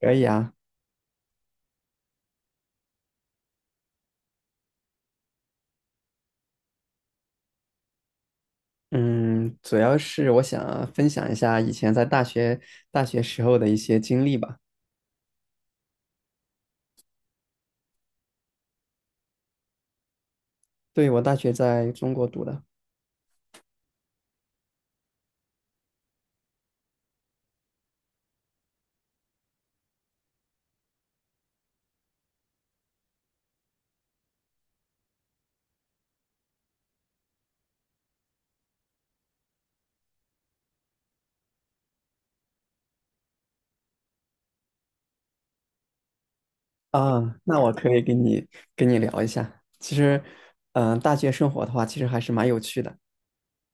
可以啊，嗯，主要是我想分享一下以前在大学时候的一些经历吧。对，我大学在中国读的。啊，那我可以跟你聊一下。其实，大学生活的话，其实还是蛮有趣的。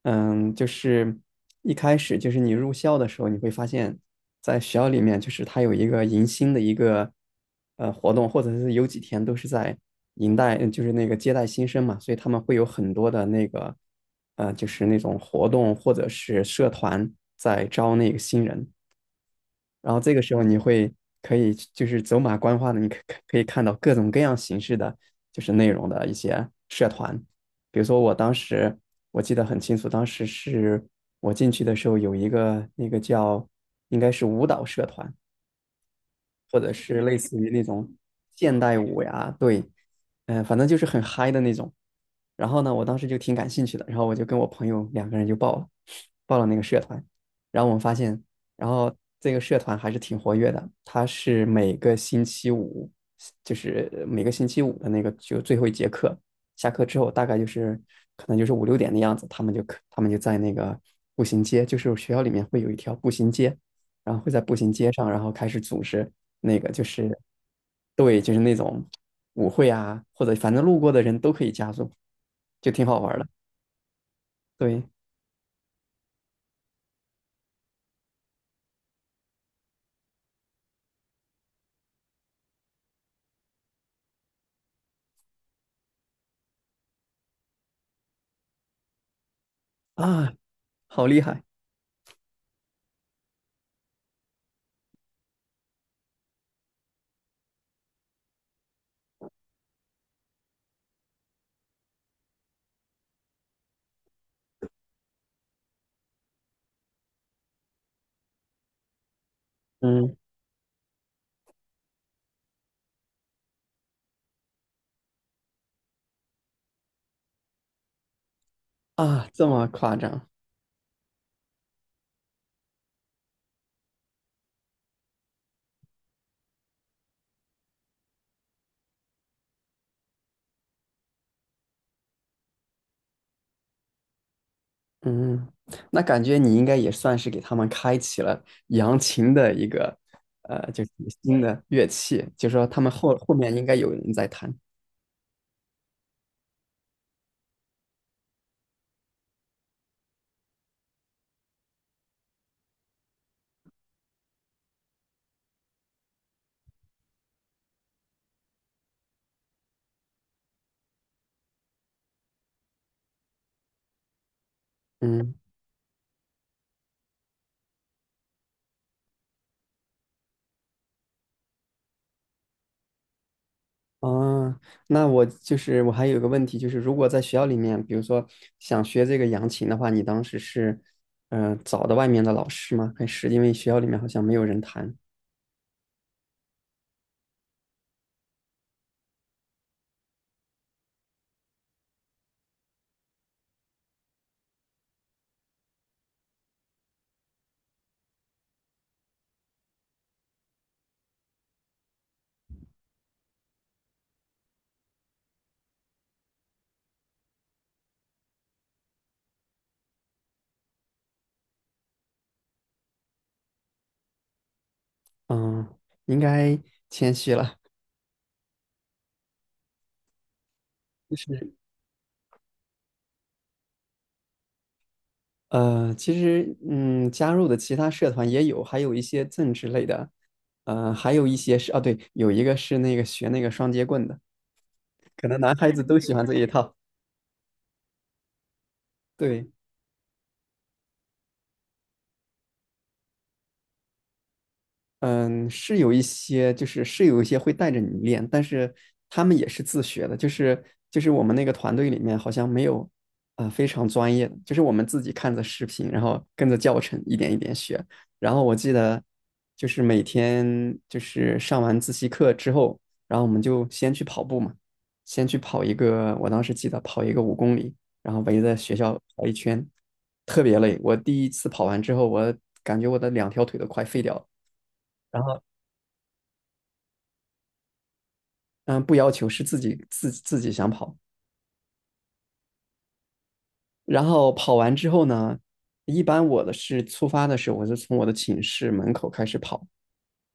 就是一开始就是你入校的时候，你会发现，在学校里面，就是它有一个迎新的一个活动，或者是有几天都是在迎待，就是那个接待新生嘛，所以他们会有很多的那个就是那种活动或者是社团在招那个新人。然后这个时候可以就是走马观花的，可以看到各种各样形式的就是内容的一些社团，比如说我当时我记得很清楚，当时是我进去的时候有一个那个叫应该是舞蹈社团，或者是类似于那种现代舞呀，对，反正就是很嗨的那种。然后呢，我当时就挺感兴趣的，然后我就跟我朋友两个人就报了那个社团。然后我们发现，然后这个社团还是挺活跃的，它是每个星期五，就是每个星期五的那个就最后一节课，下课之后大概就是可能就是五六点的样子，他们就在那个步行街，就是学校里面会有一条步行街，然后会在步行街上，然后开始组织那个就是对，就是那种舞会啊，或者反正路过的人都可以加入，就挺好玩儿的。对啊，好厉害，嗯啊，这么夸张，嗯，那感觉你应该也算是给他们开启了扬琴的一个就是新的乐器，就说他们后面应该有人在弹，嗯。哦，那我就是我还有一个问题，就是如果在学校里面，比如说想学这个扬琴的话，你当时是，找的外面的老师吗？还是因为学校里面好像没有人弹？嗯，应该谦虚了。就是其实加入的其他社团也有，还有一些政治类的，还有一些是啊，对，有一个是那个学那个双截棍的，可能男孩子都喜欢这一套。对，嗯，是有一些，是有一些会带着你练，但是他们也是自学的，就是我们那个团队里面好像没有，非常专业的，就是我们自己看着视频，然后跟着教程一点一点学。然后我记得就是每天就是上完自习课之后，然后我们就先去跑步嘛，先去跑一个，我当时记得跑一个5公里，然后围着学校跑一圈，特别累。我第一次跑完之后，我感觉我的两条腿都快废掉了。然后嗯，不要求，是自己想跑。然后跑完之后呢，一般我的是出发的时候，我是从我的寝室门口开始跑，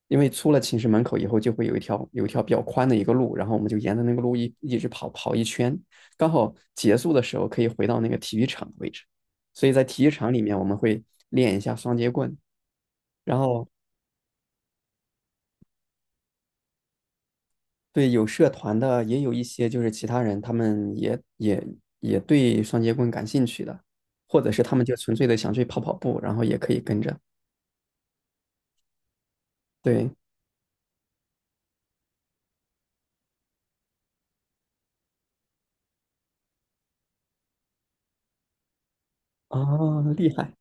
因为出了寝室门口以后，就会有一条比较宽的一个路，然后我们就沿着那个路一直跑一圈，刚好结束的时候可以回到那个体育场的位置。所以在体育场里面，我们会练一下双截棍，然后对，有社团的，也有一些就是其他人，他们也对双节棍感兴趣的，或者是他们就纯粹的想去跑跑步，然后也可以跟着。对，哦，厉害，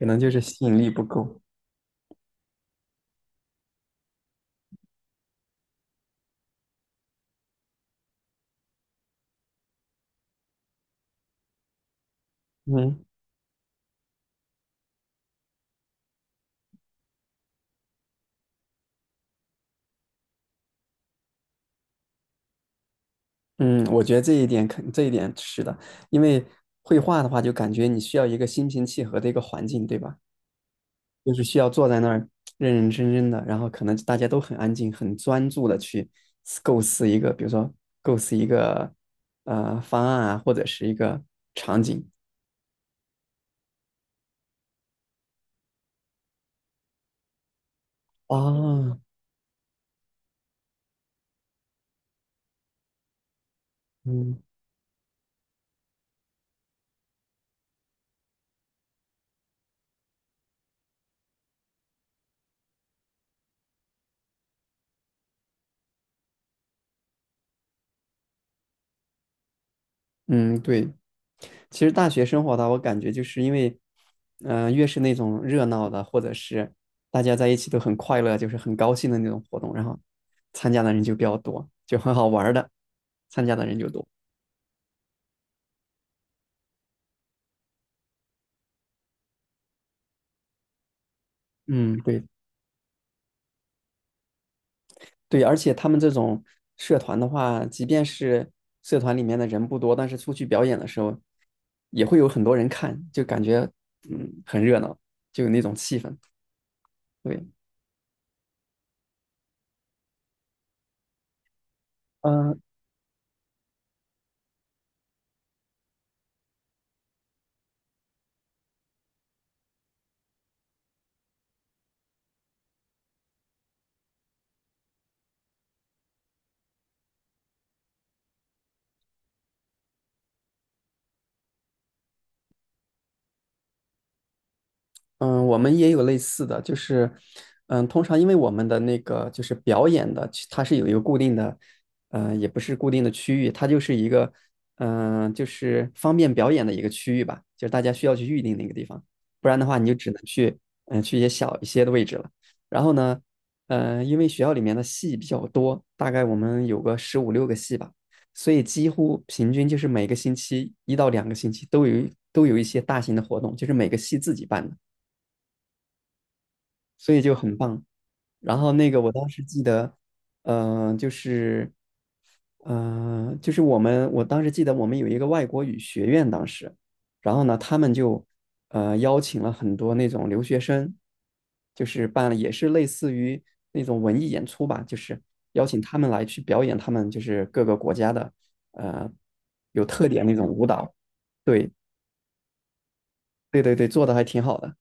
可能就是吸引力不够。嗯嗯，我觉得这一点是的，因为绘画的话，就感觉你需要一个心平气和的一个环境，对吧？就是需要坐在那儿认认真真的，然后可能大家都很安静、很专注的去构思一个，比如说构思一个方案啊，或者是一个场景。啊。嗯嗯，对，其实大学生活的话我感觉就是因为，越是那种热闹的，或者是大家在一起都很快乐，就是很高兴的那种活动，然后参加的人就比较多，就很好玩儿的，参加的人就多。嗯，对。对，而且他们这种社团的话，即便是社团里面的人不多，但是出去表演的时候，也会有很多人看，就感觉很热闹，就有那种气氛。对，嗯、嗯，我们也有类似的，就是，通常因为我们的那个就是表演的，其它是有一个固定的，也不是固定的区域，它就是一个，就是方便表演的一个区域吧，就是大家需要去预定那个地方，不然的话你就只能去，去一些小一些的位置了。然后呢，因为学校里面的戏比较多，大概我们有个15、6个戏吧，所以几乎平均就是每个星期一到两个星期都都有一些大型的活动，就是每个系自己办的。所以就很棒。然后那个我当时记得，就是，我当时记得我们有一个外国语学院，当时，然后呢，他们就邀请了很多那种留学生，就是办了也是类似于那种文艺演出吧，就是邀请他们来去表演他们就是各个国家的呃有特点那种舞蹈。对对对对，做的还挺好的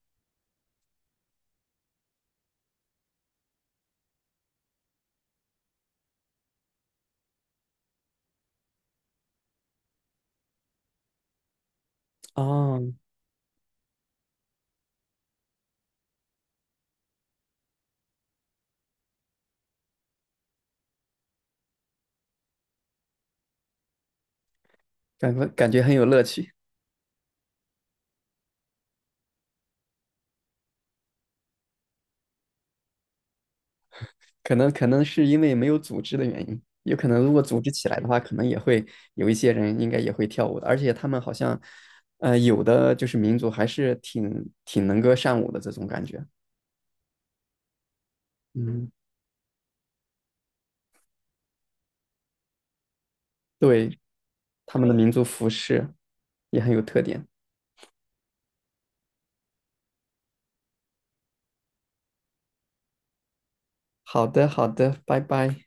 哦，感觉很有乐趣。可能是因为没有组织的原因，有可能如果组织起来的话，可能也会有一些人应该也会跳舞的，而且他们好像，有的就是民族还是挺能歌善舞的这种感觉。嗯，对，他们的民族服饰也很有特点。好的，好的，拜拜。